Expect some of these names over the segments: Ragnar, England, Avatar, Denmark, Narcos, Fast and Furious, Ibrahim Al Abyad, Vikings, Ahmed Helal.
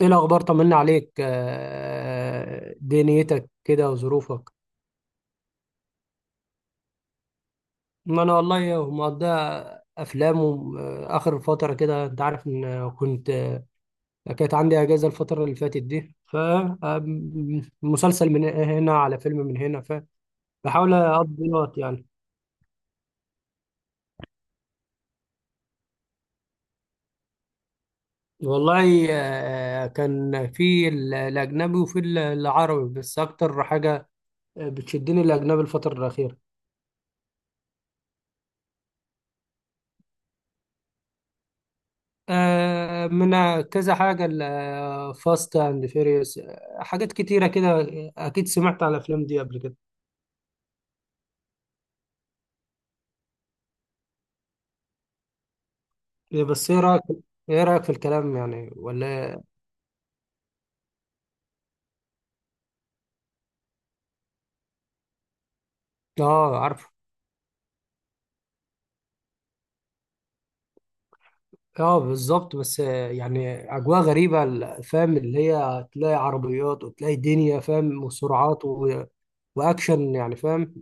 ايه الاخبار؟ طمنا عليك. دنيتك كده وظروفك. ما انا والله مقضيها افلام اخر فتره كده، انت عارف ان كنت، كانت عندي اجازه الفتره اللي فاتت دي. ف آم، مسلسل من هنا، على فيلم من هنا، فبحاول اقضي الوقت يعني. والله كان في الاجنبي وفي العربي، بس اكتر حاجه بتشدني الاجنبي الفتره الاخيره. من كذا حاجة، فاست اند فيريوس، حاجات كتيرة كده. أكيد سمعت عن الأفلام دي قبل كده. إيه؟ بس إيه رأيك؟ إيه رأيك في الكلام يعني ولا إيه؟ آه عارفه. آه بالظبط، بس يعني أجواء غريبة، فاهم؟ اللي هي تلاقي عربيات وتلاقي دنيا فاهم، وسرعات و وأكشن يعني، فاهم؟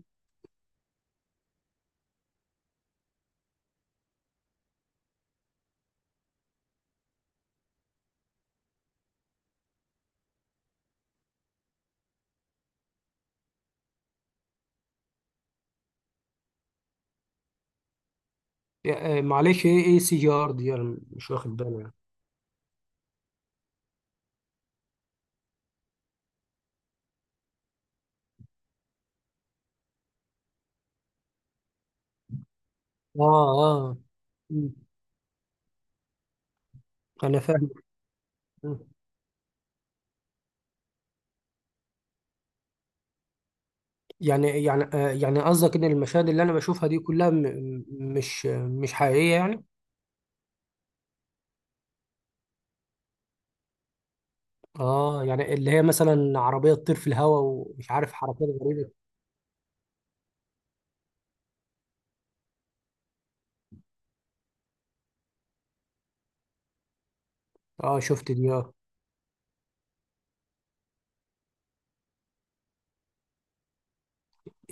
معلش، إيه إيه سي جي آر دي؟ أنا مش واخد بالي يعني. آه آه، أنا فاهم. يعني يعني يعني قصدك ان المشاهد اللي انا بشوفها دي كلها مش حقيقية يعني؟ اه، يعني اللي هي مثلا عربية تطير في الهواء ومش عارف حركات غريبة. اه شفت دي اه.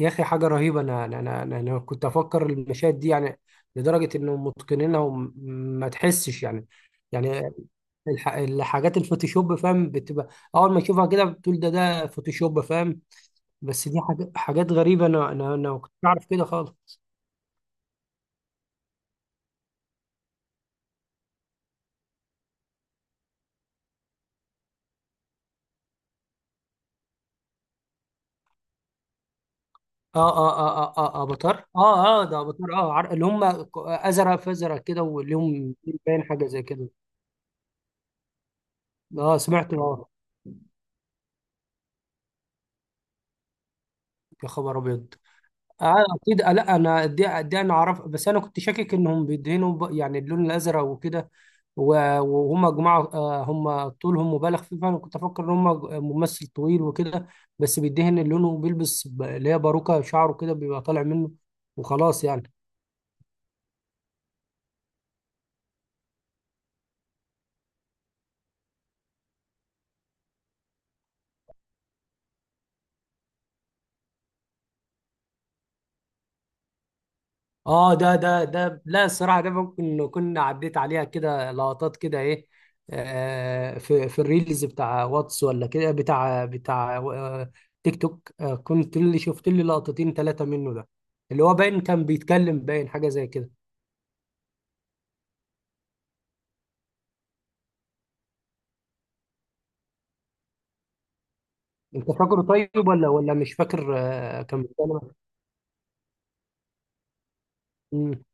يا اخي حاجة رهيبة! انا انا انا, أنا أنا كنت افكر المشاهد دي يعني لدرجة انهم متقنينها وما تحسش يعني. يعني الحاجات الفوتوشوب فاهم بتبقى اول ما تشوفها كده، بتقول ده ده فوتوشوب فاهم. بس دي حاجات، حاجات غريبة. انا ما كنتش اعرف كده خالص. اه اه اه اه اه، افاتار، اه اه، ده افاتار اه. اللي هم ازرق، فازرق كده وليهم باين حاجه زي كده. اه سمعت اه. يا خبر ابيض! اه اكيد. لا انا دي انا اعرف، بس انا كنت شاكك انهم بيدهنوا يعني اللون الازرق وكده. وهم جماعه آه، هم طولهم مبالغ فيه، فانا كنت افكر ان هم ممثل طويل وكده، بس بيدهن لونه وبيلبس اللي هي باروكه شعره كده بيبقى طالع منه وخلاص يعني. اه ده ده ده، لا الصراحه ده ممكن كنا عديت عليها كده لقطات كده ايه، في في الريلز بتاع واتس ولا كده، بتاع بتاع تيك توك آه، كنت اللي شفت لي لقطتين ثلاثه منه ده، اللي هو باين كان بيتكلم، باين حاجه زي كده. انت فاكره طيب ولا ولا مش فاكر كان بيتكلم؟ مم.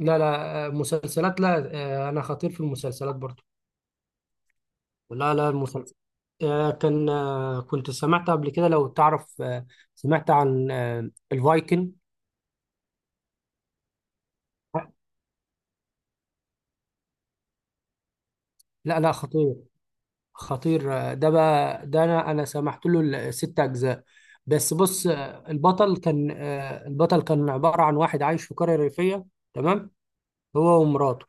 لا لا، مسلسلات لا، انا خطير في المسلسلات برضو. لا لا، كان كنت سمعت قبل كده لو تعرف، سمعت عن الفايكن. لا لا، خطير، خطير. ده بقى ده انا سمحت له الست اجزاء. بس بص، البطل كان عبارة عن واحد عايش في قرية ريفية، تمام، هو ومراته.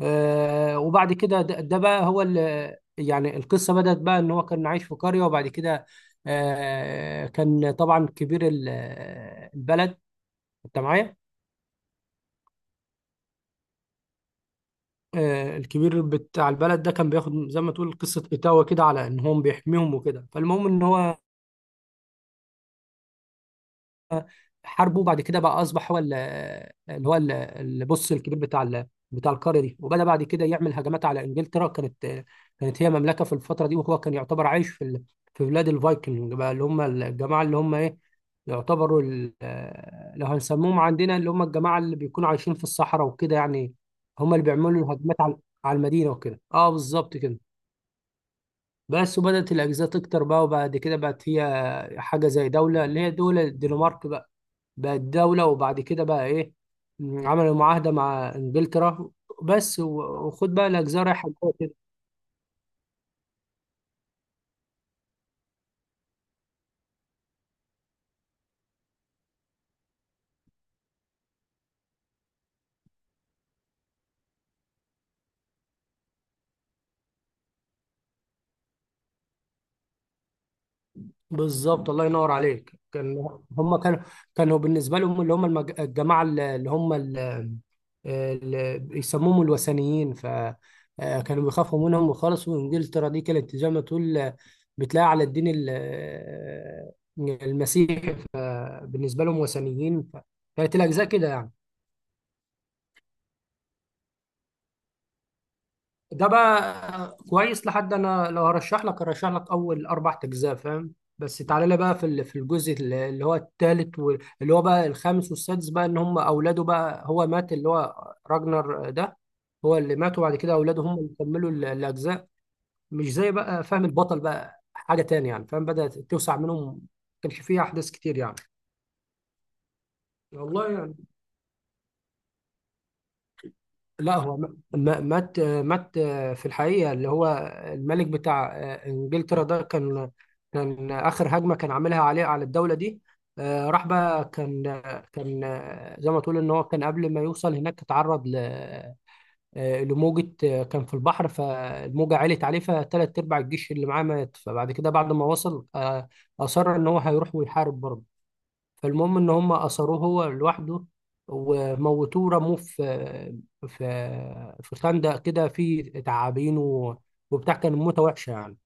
وبعد كده ده ده بقى هو اللي يعني، القصة بدأت بقى ان هو كان عايش في قرية، وبعد كده كان طبعا كبير البلد. انت معايا؟ الكبير بتاع البلد ده كان بياخد زي ما تقول قصة إيتاوا كده، على إن هو بيحميهم وكده. فالمهم إن هو حاربه، وبعد كده بقى أصبح هو اللي هو اللي بص الكبير بتاع بتاع القارة دي، وبدأ بعد كده يعمل هجمات على إنجلترا. كانت هي مملكة في الفترة دي، وهو كان يعتبر عايش في في بلاد الفايكنج بقى، اللي هم الجماعة اللي هم إيه، يعتبروا لو هنسموهم عندنا اللي هم الجماعة اللي بيكونوا عايشين في الصحراء وكده يعني. هم اللي بيعملوا الهجمات على على المدينة وكده، اه بالظبط كده. بس وبدأت الأجهزة تكتر بقى، وبعد كده بقت هي حاجة زي دولة، اللي هي دولة الدنمارك بقى، بقت دولة. وبعد كده بقى إيه، م، عملوا معاهدة مع إنجلترا بس. وخد بقى الأجزاء رايحة جوه كده. بالظبط، الله ينور عليك. كان هم كانوا كانوا بالنسبة لهم اللي هم الجماعة اللي هم اللي بيسموهم الوثنيين. ف كانوا بيخافوا منهم خالص، وإنجلترا دي كانت زي ما تقول، بتلاقي على الدين المسيحي، بالنسبه لهم وثنيين. كانت الاجزاء كده يعني. ده بقى كويس. لحد انا لو هرشح لك هرشح لك اول اربع اجزاء فاهم، بس تعالى لي بقى في في الجزء اللي هو الثالث، واللي هو بقى الخامس والسادس بقى، ان هم اولاده بقى، هو مات اللي هو راجنر ده، هو اللي مات، وبعد كده اولاده هم اللي كملوا الاجزاء. مش زي بقى فاهم، البطل بقى حاجه تاني يعني فاهم، بدات توسع منهم، ما كانش فيها احداث كتير يعني. والله لا، هو مات مات في الحقيقة. اللي هو الملك بتاع إنجلترا ده كان، كان آخر هجمة كان عاملها عليه على الدولة دي. راح بقى، كان كان زي ما تقول إن هو كان قبل ما يوصل هناك اتعرض لموجة، كان في البحر، فالموجة علت عليه، فتلات أرباع الجيش اللي معاه مات. فبعد كده بعد ما وصل أصر إن هو هيروح ويحارب برضه. فالمهم ان هم اثروه هو لوحده، وموتوه ورموه في في في خندق كده فيه تعابين وبتاع. كان موته وحشه يعني.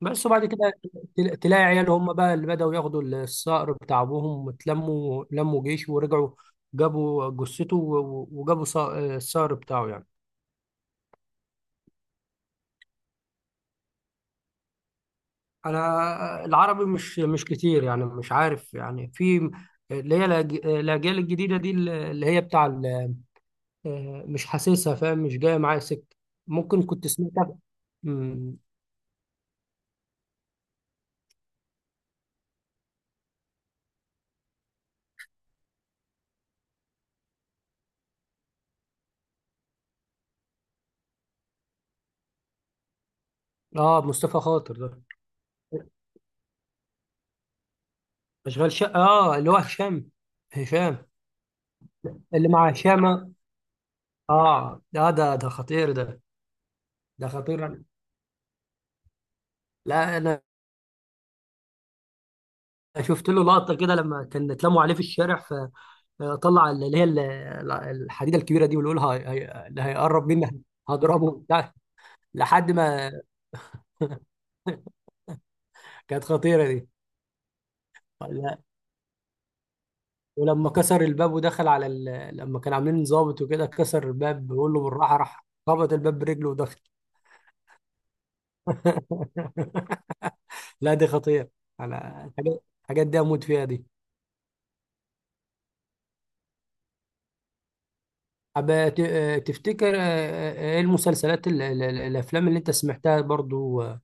بس وبعد كده تلاقي عياله هم بقى اللي بدأوا ياخدوا الصقر بتاع ابوهم، واتلموا لموا جيش ورجعوا، جابوا جثته وجابوا الصقر بتاعه يعني. انا العربي مش مش كتير يعني، مش عارف يعني في اللي هي الاجيال الجديده دي اللي هي بتاع مش حاسسها فاهم، مش جاية معايا سكة. ممكن كنت سمعتها. مم. اه مصطفى خاطر ده، اشغال شقة، اه اللي هو هشام، هشام. اللي مع هشام. اه ده ده ده خطير ده، ده خطير. لا انا شفت له لقطة كده لما كان اتلموا عليه في الشارع، فطلع اللي هي الحديدة الكبيرة دي، ويقول اللي هيقرب مني هضربه بتاع لحد ما. كانت خطيرة دي. ولما كسر الباب ودخل على لما كان عاملين ضابط وكده، كسر الباب، بيقول له بالراحه، راح خبط الباب برجله ودخل. لا دي خطيره. انا الحاجات، الحاجات دي اموت فيها دي. أب... ت... آه، تفتكر ايه المسلسلات الافلام اللي انت سمعتها برضو؟ آه،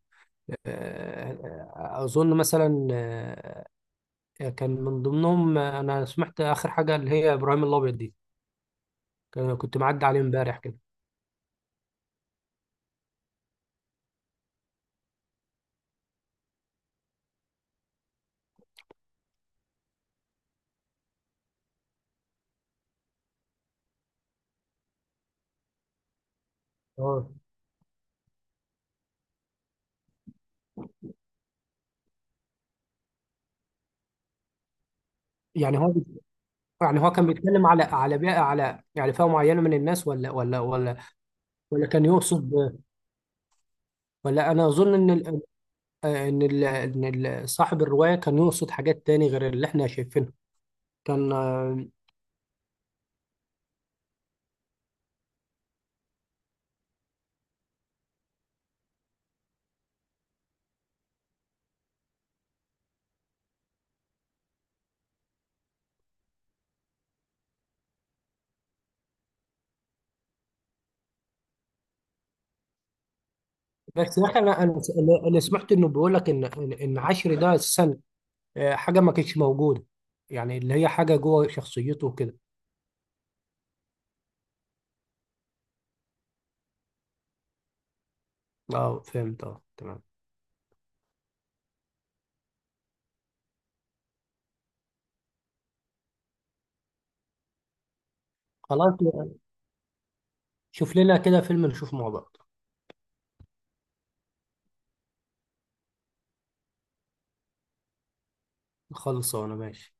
آه، اظن مثلا كان من ضمنهم، انا سمعت اخر حاجه اللي هي ابراهيم الابيض دي، كنت معدي عليه امبارح كده. اه يعني هو، يعني هو كان بيتكلم على على بيئة، على يعني فئة معينة من الناس، ولا ولا ولا، ولا كان يقصد، ولا أنا أظن إن صاحب الرواية كان يقصد حاجات تاني غير اللي إحنا شايفينها؟ كان بس يا أخي أنا أنا سمعت إنه بيقول لك إن إن عشر ده السنة، حاجة ما كانتش موجودة يعني، اللي هي حاجة جوه شخصيته وكده. أه فهمت، أه تمام. خلاص، شوف لنا كده فيلم نشوفه مع بعض. خلصانة، ماشي.